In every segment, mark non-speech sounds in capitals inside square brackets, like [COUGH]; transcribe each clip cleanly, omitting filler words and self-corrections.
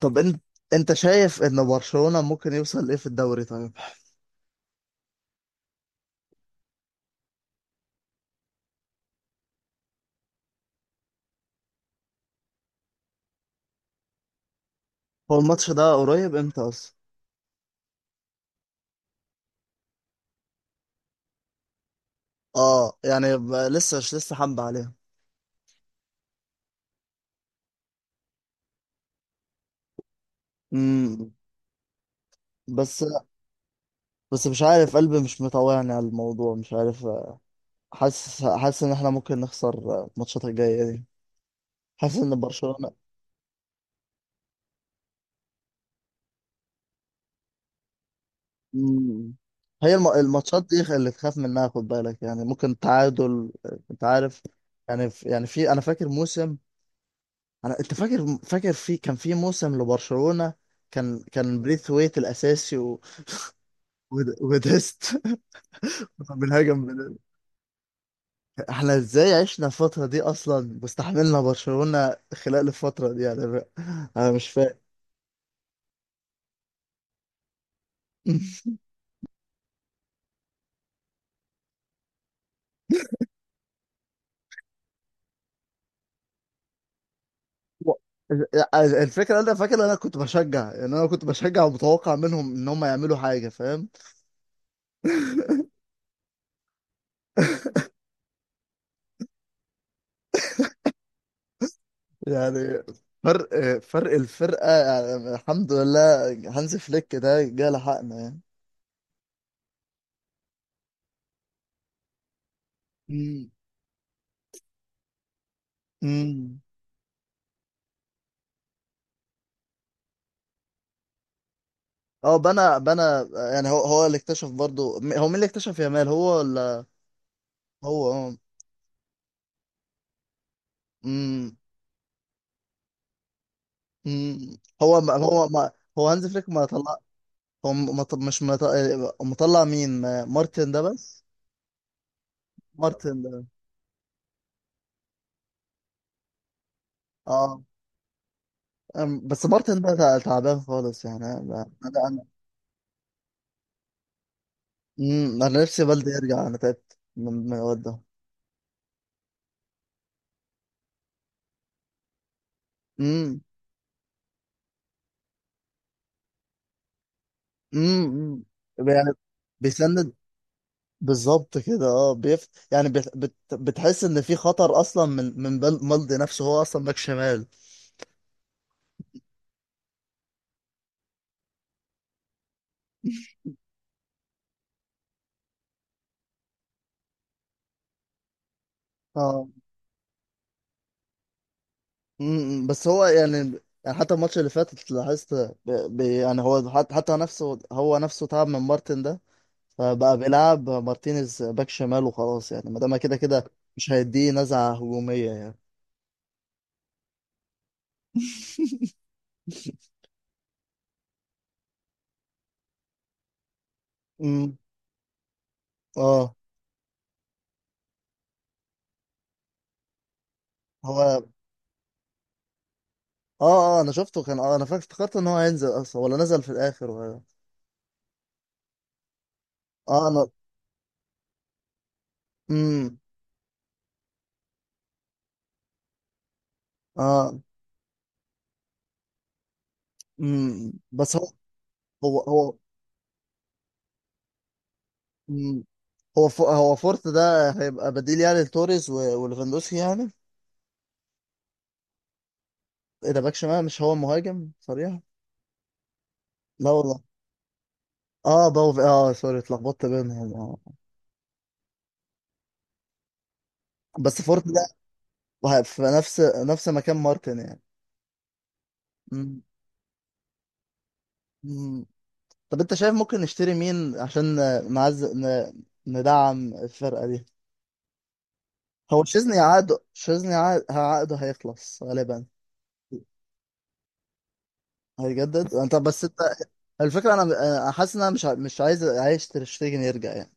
طب انت شايف ان برشلونة ممكن يوصل ايه في الدوري؟ طيب، هو الماتش ده قريب امتى اصلا؟ اه يعني لسه مش لسه حمد عليها. امم بس بس مش عارف، قلبي مش مطوعني على الموضوع، مش عارف. حاسس ان احنا ممكن نخسر الماتشات الجاية دي. حاسس ان برشلونة. مم. هي الماتشات دي اللي تخاف منها، خد بالك يعني ممكن تعادل. انت عارف، يعني في انا فاكر موسم. انت فاكر في كان في موسم لبرشلونة، كان بريث ويت الاساسي وديست. [LAUGHS] بنهاجم بن- احنا ازاي عشنا الفترة دي اصلا واستحملنا برشلونة خلال الفترة دي يعني؟ انا مش فاهم. [LAUGHS] و- الفكرة، انا فاكر انا كنت بشجع، يعني انا كنت بشجع ومتوقع منهم ان هم يعملوا حاجة، فاهم. [LAUGHS] يعني فرق فرق الفرقة، يعني الحمد لله هانز فليك ده جه لحقنا يعني. مم. مم. اه بنى. يعني هو اللي اكتشف برضه، هو مين اللي اكتشف يامال، هو ولا؟ هو، اه. امم. امم. هو ما هو ما هو هانز فليك ما طلع. هو م- ما ط- مش ما ط- مطلع مين مارتن ده بس. مارتن ده، اه. أم، بس مارتن ده تعبان خالص يعني. انا، أمم، أنا نفسي بلدي يرجع، انا تعبت من الواد ده. امم. امم. أمم. يعني بيسند، بالظبط كده. اه بيف... يعني بت... بت... بتحس ان في خطر اصلا من مالدي نفسه، هو اصلا باك شمال. اه. بس هو يعني. يعني حتى الماتش اللي فات لاحظت يعني هو حتى نفسه تعب من مارتن ده، فبقى بيلعب مارتينيز باك شمال وخلاص يعني، ما دام كده كده مش هيديه نزعة هجومية يعني. امم. اه هو اه. اه انا شفته كان، اه انا فاكر افتكرت ان هو هينزل اصلا، ولا نزل في الاخر ولا؟ اه، انا امم اه. بس هو. مم. هو هو فورت ده هيبقى بديل يعني لتوريز وليفاندوسكي يعني؟ ايه ده باك شمال؟ مش هو مهاجم صريح؟ لا والله. اه باو، اه سوري اتلخبطت بينهم اه. بس فورت ده، في نفس مكان مارتن يعني. مم. مم. طب انت شايف ممكن نشتري مين عشان ندعم الفرقة دي؟ هو شيزني عقده، شيزني عقده هيخلص غالبا. هيجدد، انت بس انت، الفكره انا، انا حاسس ان انا مش عايز عايش تر شتيجن يرجع يعني.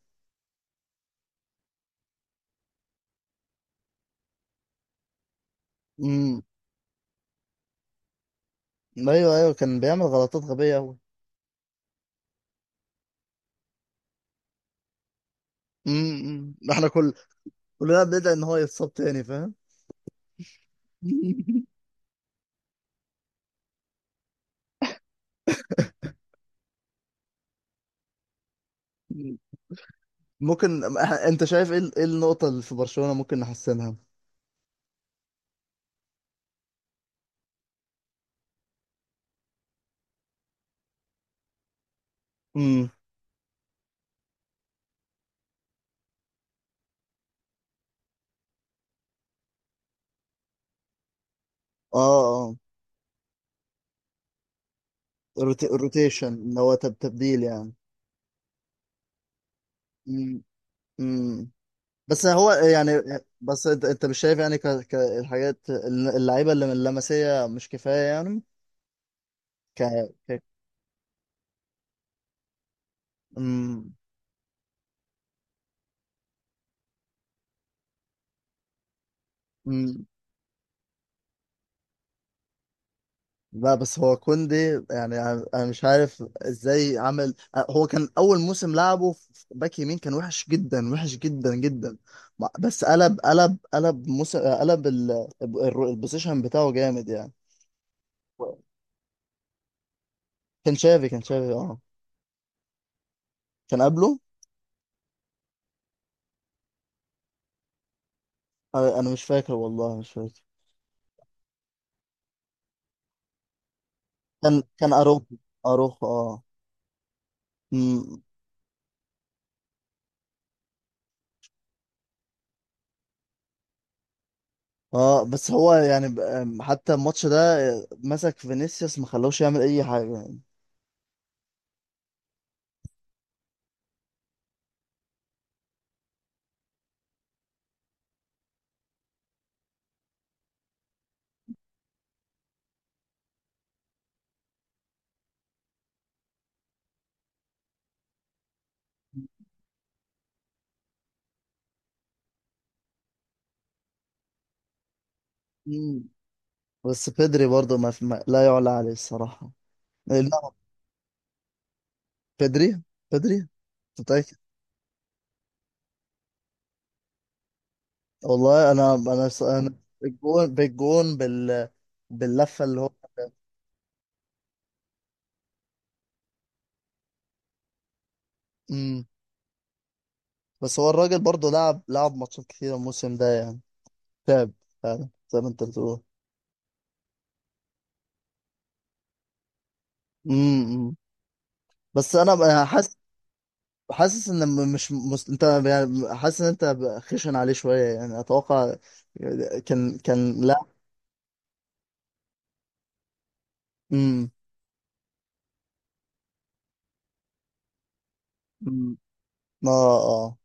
امم. ايوه ايوه كان بيعمل غلطات غبيه قوي. امم، احنا كل كلنا بندعي ان هو يتصاب تاني، فاهم. [LAUGHS] ممكن، انت شايف ايه ايه النقطه اللي في برشلونه ممكن نحسنها؟ امم. اه. اه. الروتيشن، اللي هو تبديل يعني. امم. امم. بس هو يعني، بس انت انت مش شايف يعني الحاجات اللعيبه اللي من اللمسيه مش كفايه يعني؟ ك... ك... أم. أم. لا بس هو كوندي، يعني انا أنا مش عارف ازاي عمل. هو كان اول موسم لعبه في باك يمين، كان وحش جدا، وحش جدا جدا. بس قلب موسم، قلب ال، البوزيشن بتاعه جامد يعني. كان شافي اه، كان قبله. أنا مش فاكر والله، مش فاكر. كان اروخو، اروخو اه. أمم. اه بس هو يعني ب- أم، حتى الماتش ده مسك فينيسيوس ما خلوش يعمل اي حاجه يعني. مم. بس بدري برضه، ما في ما لا يعلى عليه الصراحة. إيه، لا. بدري، بدري متأكد. والله أنا، أنا بالجون بال، باللفة اللي هو. مم. بس هو الراجل برضه لعب، لعب ماتشات كتيرة الموسم ده يعني، تعب، فعلا زي ما أنت بتقول. امم. بس أنا بقى حاسس، حاسس ان مش انت يعني، حاسس ان انت بقى خشن عليه شويه يعني، اتوقع. كان كان، لا. امم. ما اه. آه.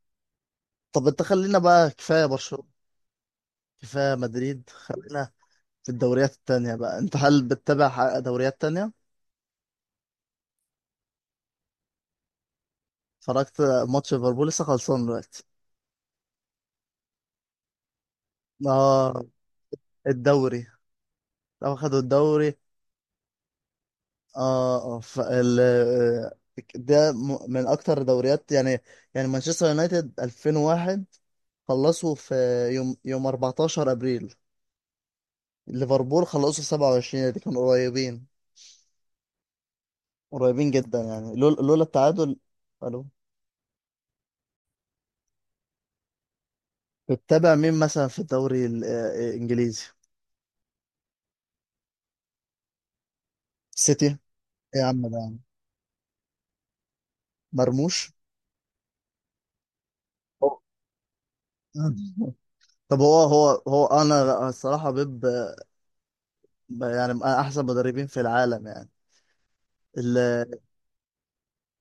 طب انت خلينا بقى كفايه برشلونه، كفايه مدريد، خلينا في الدوريات التانية بقى. انت هل بتتابع دوريات تانية؟ اتفرجت ماتش ليفربول لسه خلصان دلوقتي. اه الدوري لو خدوا الدوري. اه اه آه، ده من اكتر دوريات يعني. يعني مانشستر يونايتد 2001 خلصوا في يوم 14 ابريل، ليفربول خلصوا 27، دي كانوا قريبين، قريبين جدا يعني، لولا التعادل. الو، بتتابع مين مثلا في الدوري الانجليزي؟ سيتي، ايه يا عم ده يا عم؟ مرموش. أوه. [LAUGHS] طب هو انا الصراحه بيب يعني من احسن مدربين في العالم يعني. ال-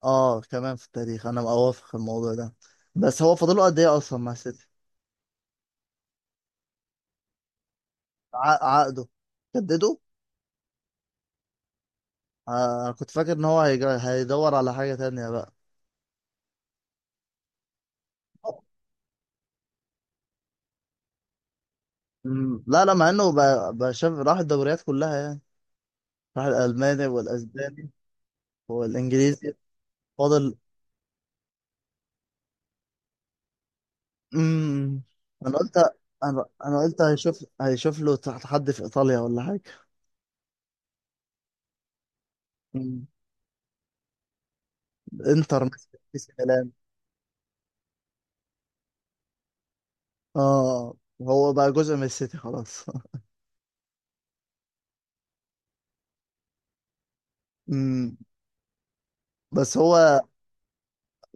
اه كمان في التاريخ، انا اوافق في الموضوع ده. بس هو فاضله قد ايه اصلا مع سيتي؟ عقده جدده. آه أنا كنت فاكر ان هو هيدور على حاجه تانية بقى. مم. لا لا مع انه بقى شاف، راح الدوريات كلها يعني، راح الالماني والاسباني والانجليزي. فاضل امم. انا قلت، انا قلت هيشوف، هيشوف له تحت حد في ايطاليا ولا حاجه. مم. انتر مثلا في ميلان. اه هو بقى جزء من السيتي خلاص. [LAUGHS] امم. بس هو،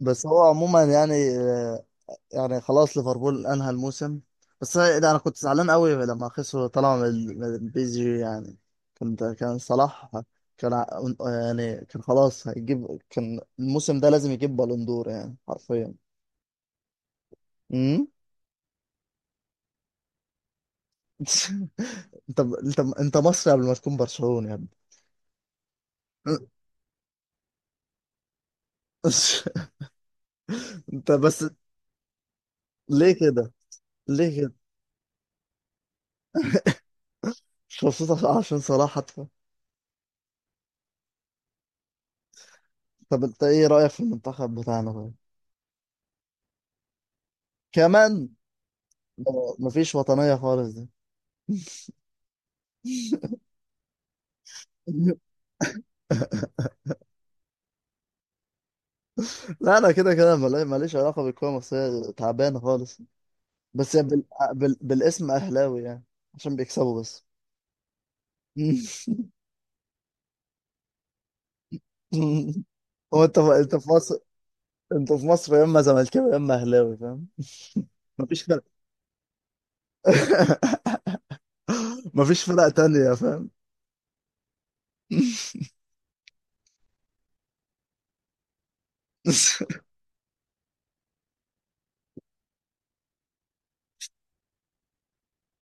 بس هو عموما يعني آه، يعني خلاص ليفربول انهى الموسم. بس ده انا كنت زعلان قوي لما خسروا طلعوا من بي إس جي يعني. كنت كان صلاح كان يعني كان خلاص هيجيب، كان الموسم ده لازم يجيب بالون دور يعني حرفيا. امم. [LAUGHS] انت مصري قبل ما تكون برشلوني يا ابني. [LAUGHS] انت بس، ليه كده؟ ليه كده؟ مش مبسوط عشان صلاح حتى؟ طب انت ايه رأيك في المنتخب بتاعنا طيب؟ كمان، اه، مفيش وطنية خالص دي. [LAUGHS] لا انا كده كده ماليش علاقة بالكورة المصرية، تعبانة خالص. بس هي بال، بالاسم اهلاوي يعني، عشان بيكسبوا بس. [LAUGHS] هو انت، انت في مصر، انت في مصر يا اما زملكاوي يا اما اهلاوي، فاهم. مفيش فرق. [LAUGHS] مفيش فرق تانية، فاهم. [LAUGHS]